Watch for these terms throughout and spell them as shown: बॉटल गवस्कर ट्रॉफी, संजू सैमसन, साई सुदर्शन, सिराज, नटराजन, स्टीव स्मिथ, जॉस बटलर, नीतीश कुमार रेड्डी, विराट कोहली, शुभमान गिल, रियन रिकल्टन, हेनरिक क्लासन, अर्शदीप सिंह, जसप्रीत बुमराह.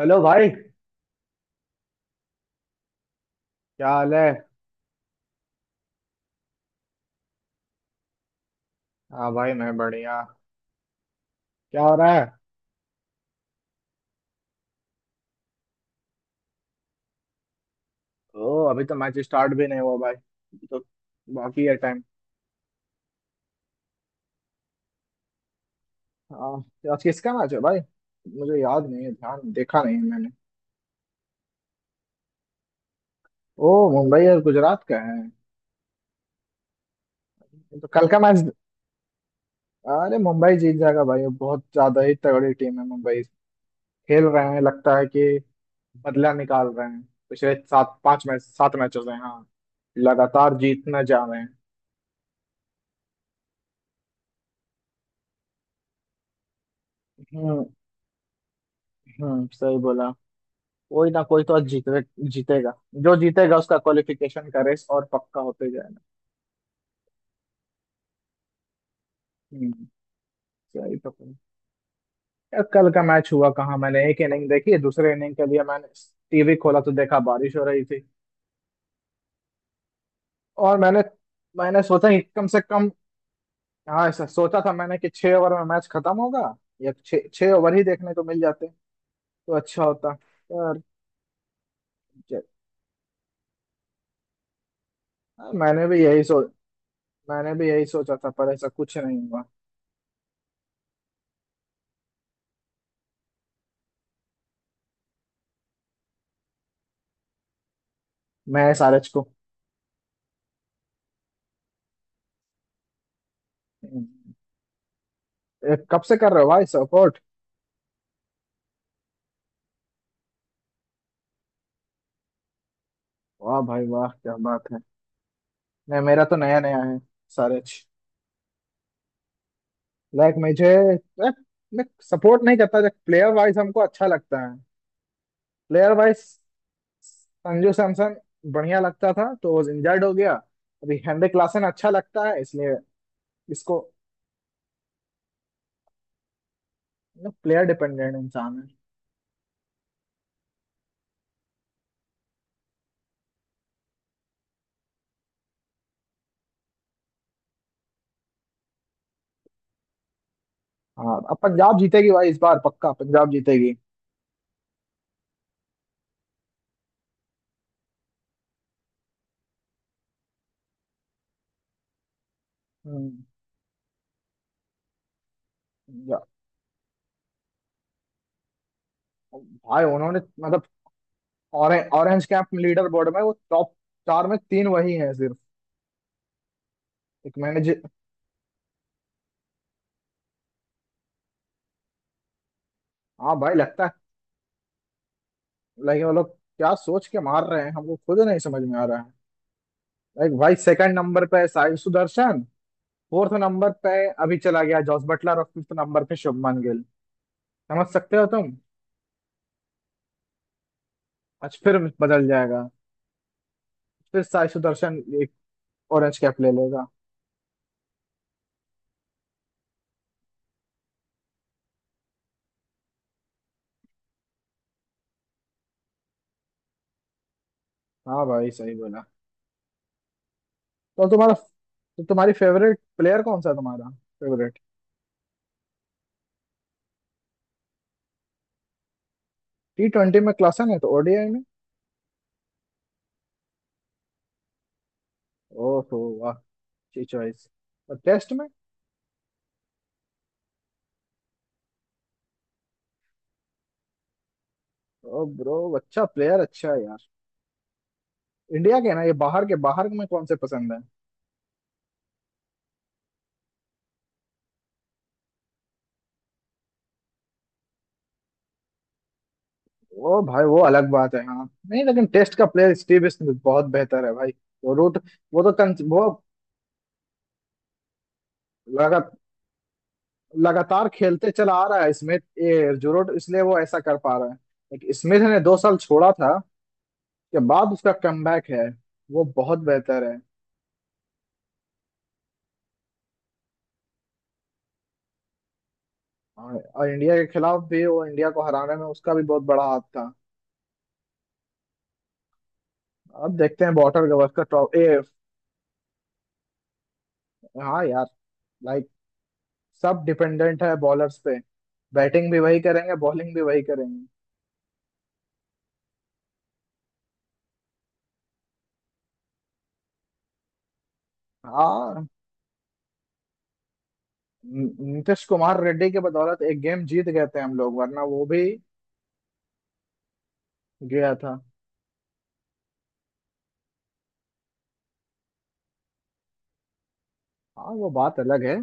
Hello भाई क्या हाल है। हाँ भाई मैं बढ़िया। क्या हो रहा है। ओ अभी तो मैच स्टार्ट भी नहीं हुआ भाई, अभी तो बाकी है टाइम। हाँ, तो आज किसका मैच है भाई, मुझे याद नहीं है, ध्यान देखा नहीं है मैंने। ओ, मुंबई और गुजरात का है। ये तो कल का मैच। अरे मुंबई जीत जाएगा भाई, ये बहुत ज्यादा ही तगड़ी टीम है मुंबई, खेल रहे हैं लगता है कि बदला निकाल रहे हैं पिछले सात पांच मैच सात मैचों से। हाँ, लगातार जीतना जा रहे हैं। हम्म। हम्म, सही बोला। कोई ना कोई तो आज जीते जीतेगा। जो जीतेगा उसका क्वालिफिकेशन का रेस और पक्का होते जाएगा। हम्म। सही तो कहा। यार, कल का मैच हुआ कहाँ, मैंने एक इनिंग देखी, दूसरे इनिंग के लिए मैंने टीवी खोला तो देखा बारिश हो रही थी। और मैंने मैंने सोचा कि कम से कम हाँ ऐसा सोचा था मैंने कि 6 ओवर में मैच खत्म होगा, या छह छह ओवर ही देखने को मिल जाते तो अच्छा होता। पर ज- हाँ, मैंने भी यही सोचा था, पर ऐसा कुछ नहीं हुआ। मैं सारे को। हम्म, कब से कर रहे हो भाई सपोर्ट। वाह भाई वाह, क्या बात है। नहीं, मेरा तो नया नया है सारे। लाइक मुझे like, मैं सपोर्ट नहीं करता, जब प्लेयर वाइज हमको अच्छा लगता है। प्लेयर वाइज संजू सैमसन बढ़िया लगता था तो वो इंजर्ड हो गया। अभी हेनरिक क्लासन अच्छा लगता है इसलिए इसको, प्लेयर डिपेंडेंट इंसान है। हाँ, अब पंजाब जीतेगी भाई, इस बार पक्का पंजाब जीतेगी। हम्म। पंजाब- भाई उन्होंने मतलब orange orange camp leader board में वो टॉप चार में तीन वही हैं सिर्फ, एक मैनेजर। हाँ भाई, लगता है लाइक वो लोग क्या सोच के मार रहे हैं, हमको खुद नहीं समझ में आ रहा है। लाइक भाई, सेकंड नंबर पे साई सुदर्शन, फोर्थ नंबर पे अभी चला गया जॉस बटलर, और फिफ्थ नंबर पे शुभमान गिल। समझ सकते हो तुम। आज फिर बदल जाएगा, फिर साई सुदर्शन एक ऑरेंज कैप ले लेगा। हाँ भाई, सही बोला। तो तुम्हारा तो तुम्हारी फेवरेट प्लेयर कौन सा है, तुम्हारा फेवरेट। टी ट्वेंटी में क्लासन है, तो ओडीआई में। ओहो वाह, अच्छी चॉइस। और टेस्ट में। ओ ब्रो, अच्छा प्लेयर अच्छा है यार। इंडिया के ना, ये बाहर के बाहर में कौन से पसंद है। वो भाई, वो अलग बात है, हाँ, नहीं लेकिन टेस्ट का प्लेयर स्टीव स्मिथ बहुत बेहतर है भाई। वो रूट, वो लगा, लगातार खेलते चला आ रहा है स्मिथ, ये जुरोट इसलिए वो ऐसा कर पा रहा है। लेकिन स्मिथ ने 2 साल छोड़ा था के बाद उसका कमबैक है। वो बहुत बेहतर है। और इंडिया के खिलाफ भी वो, इंडिया को हराने में उसका भी बहुत बड़ा हाथ था। अब देखते हैं बॉटल गवस्कर ट्रॉफी ए। हाँ यार, सब डिपेंडेंट है बॉलर्स पे। बैटिंग भी वही करेंगे, बॉलिंग भी वही करेंगे। हाँ, नीतीश कुमार रेड्डी के बदौलत एक गेम जीत गए थे हम लोग, वरना वो भी गया था। हाँ, वो बात अलग है।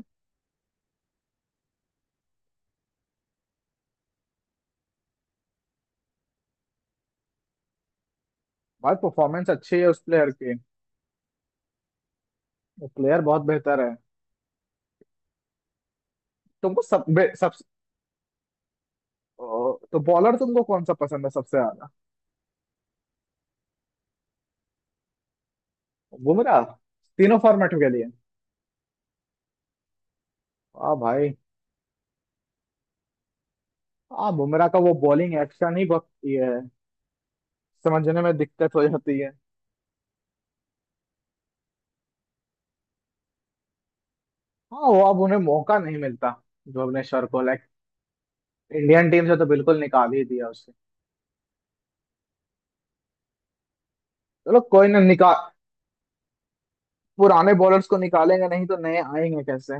बात परफॉर्मेंस अच्छी है उस प्लेयर की। वो प्लेयर बहुत बेहतर है। तुमको सब। ओ, तो बॉलर तुमको कौन सा पसंद है सबसे ज्यादा। बुमराह, तीनों फॉर्मेट के लिए। वाह भाई। हाँ, बुमराह का वो बॉलिंग एक्शन ही बहुत ये है, समझने में दिक्कत हो जाती है। हाँ, वो अब उन्हें मौका नहीं मिलता, जो अपने शर को लाइक इंडियन टीम से तो बिल्कुल निकाल ही दिया उससे। चलो, कोई ना निकाल, पुराने बॉलर्स को निकालेंगे नहीं तो नए आएंगे कैसे।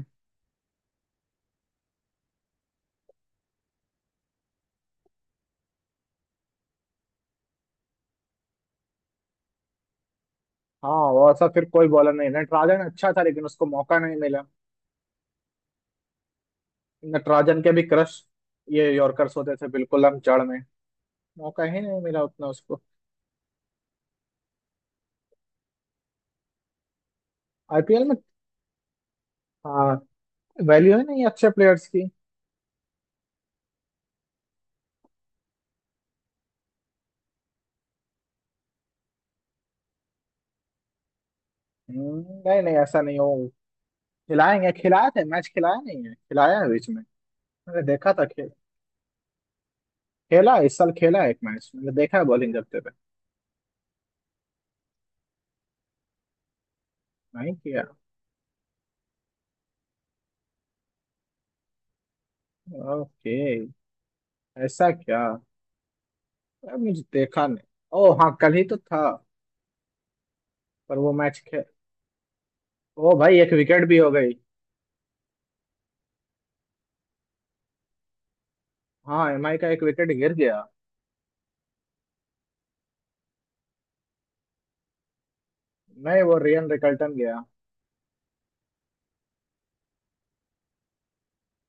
हाँ, और ऐसा फिर कोई बॉलर नहीं, नटराजन अच्छा था लेकिन उसको मौका नहीं मिला। नटराजन के भी क्रश ये यॉर्कर्स होते थे बिल्कुल, हम जड़ में मौका ही नहीं मिला उतना उसको। आईपीएल में हाँ, वैल्यू है नहीं अच्छे प्लेयर्स की। नहीं नहीं, ऐसा नहीं हो, खिलाएंगे, खिलाए थे मैच, खिलाया नहीं है, खिलाया है बीच में, मैंने देखा था। खेला है, इस साल खेला है एक मैच, मैंने देखा है बॉलिंग करते हुए। नहीं किया। ओके, ऐसा क्या, अरे मुझे देखा नहीं। ओ हाँ, कल ही तो था। पर वो मैच खे, ओ भाई एक विकेट भी हो गई। हाँ, एमआई का एक विकेट गिर गया। नहीं, वो रियन रिकल्टन गया।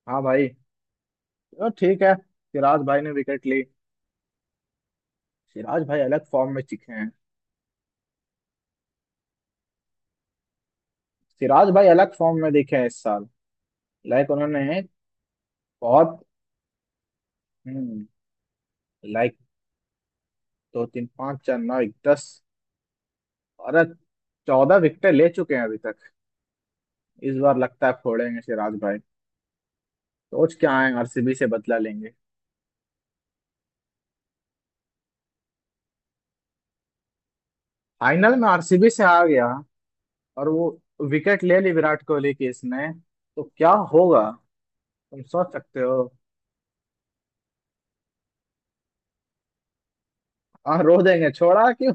हाँ भाई। ओ ठीक है, सिराज भाई ने विकेट ली। सिराज भाई अलग फॉर्म में दिखे हैं सिराज भाई अलग फॉर्म में दिखे हैं इस साल। लाइक उन्होंने बहुत, हम्म, लाइक, दो तीन पाँच चार नौ दस और 14 विकेट ले चुके हैं अभी। इस बार लगता है फोड़ेंगे सिराज भाई, सोच के आए आरसीबी से बदला लेंगे, फाइनल में आरसीबी से आ गया। और वो विकेट ले ली विराट कोहली की इसने, तो क्या होगा, तुम सोच सकते हो। हाँ रो देंगे, छोड़ा कि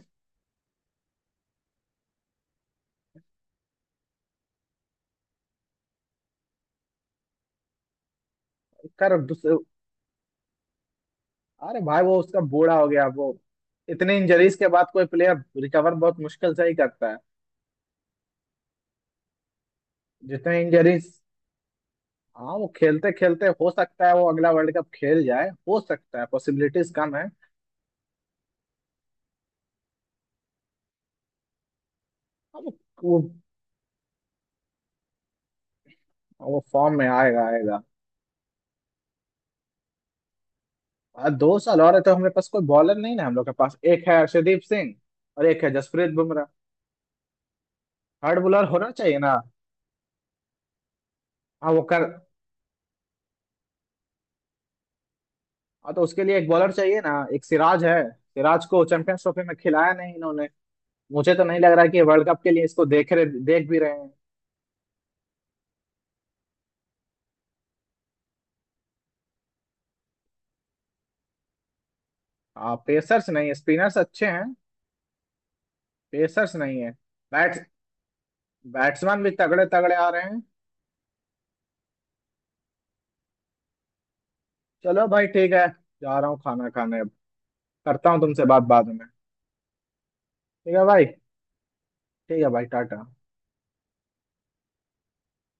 कर दूसरे। अरे भाई वो उसका बूढ़ा हो गया वो, इतने इंजरीज के बाद कोई प्लेयर रिकवर बहुत मुश्किल से ही करता है। जितने इंजरीज। हाँ, वो खेलते खेलते हो सकता है वो अगला वर्ल्ड कप खेल जाए, हो सकता है, पॉसिबिलिटीज कम है। हाँ, वो वो, वो फॉर्म में आएगा आएगा। 2 साल और है, तो हमारे पास कोई बॉलर नहीं ना, हम लोग के पास एक है अर्शदीप सिंह, और एक है जसप्रीत बुमराह। हार्ड बॉलर होना चाहिए ना। हाँ वो कर, हाँ तो उसके लिए एक बॉलर चाहिए ना, एक सिराज है, सिराज को चैंपियंस ट्रॉफी में खिलाया नहीं इन्होंने। मुझे तो नहीं लग रहा कि वर्ल्ड कप के लिए इसको देख भी रहे हैं। हाँ, पेसर्स नहीं है, स्पिनर्स अच्छे हैं। पेसर्स नहीं है। बैट्स, बैट्समैन भी तगड़े तगड़े आ रहे हैं। चलो भाई ठीक है, जा रहा हूँ खाना खाने अब। करता हूँ तुमसे बात बाद में। ठीक है भाई। ठीक है भाई टाटा।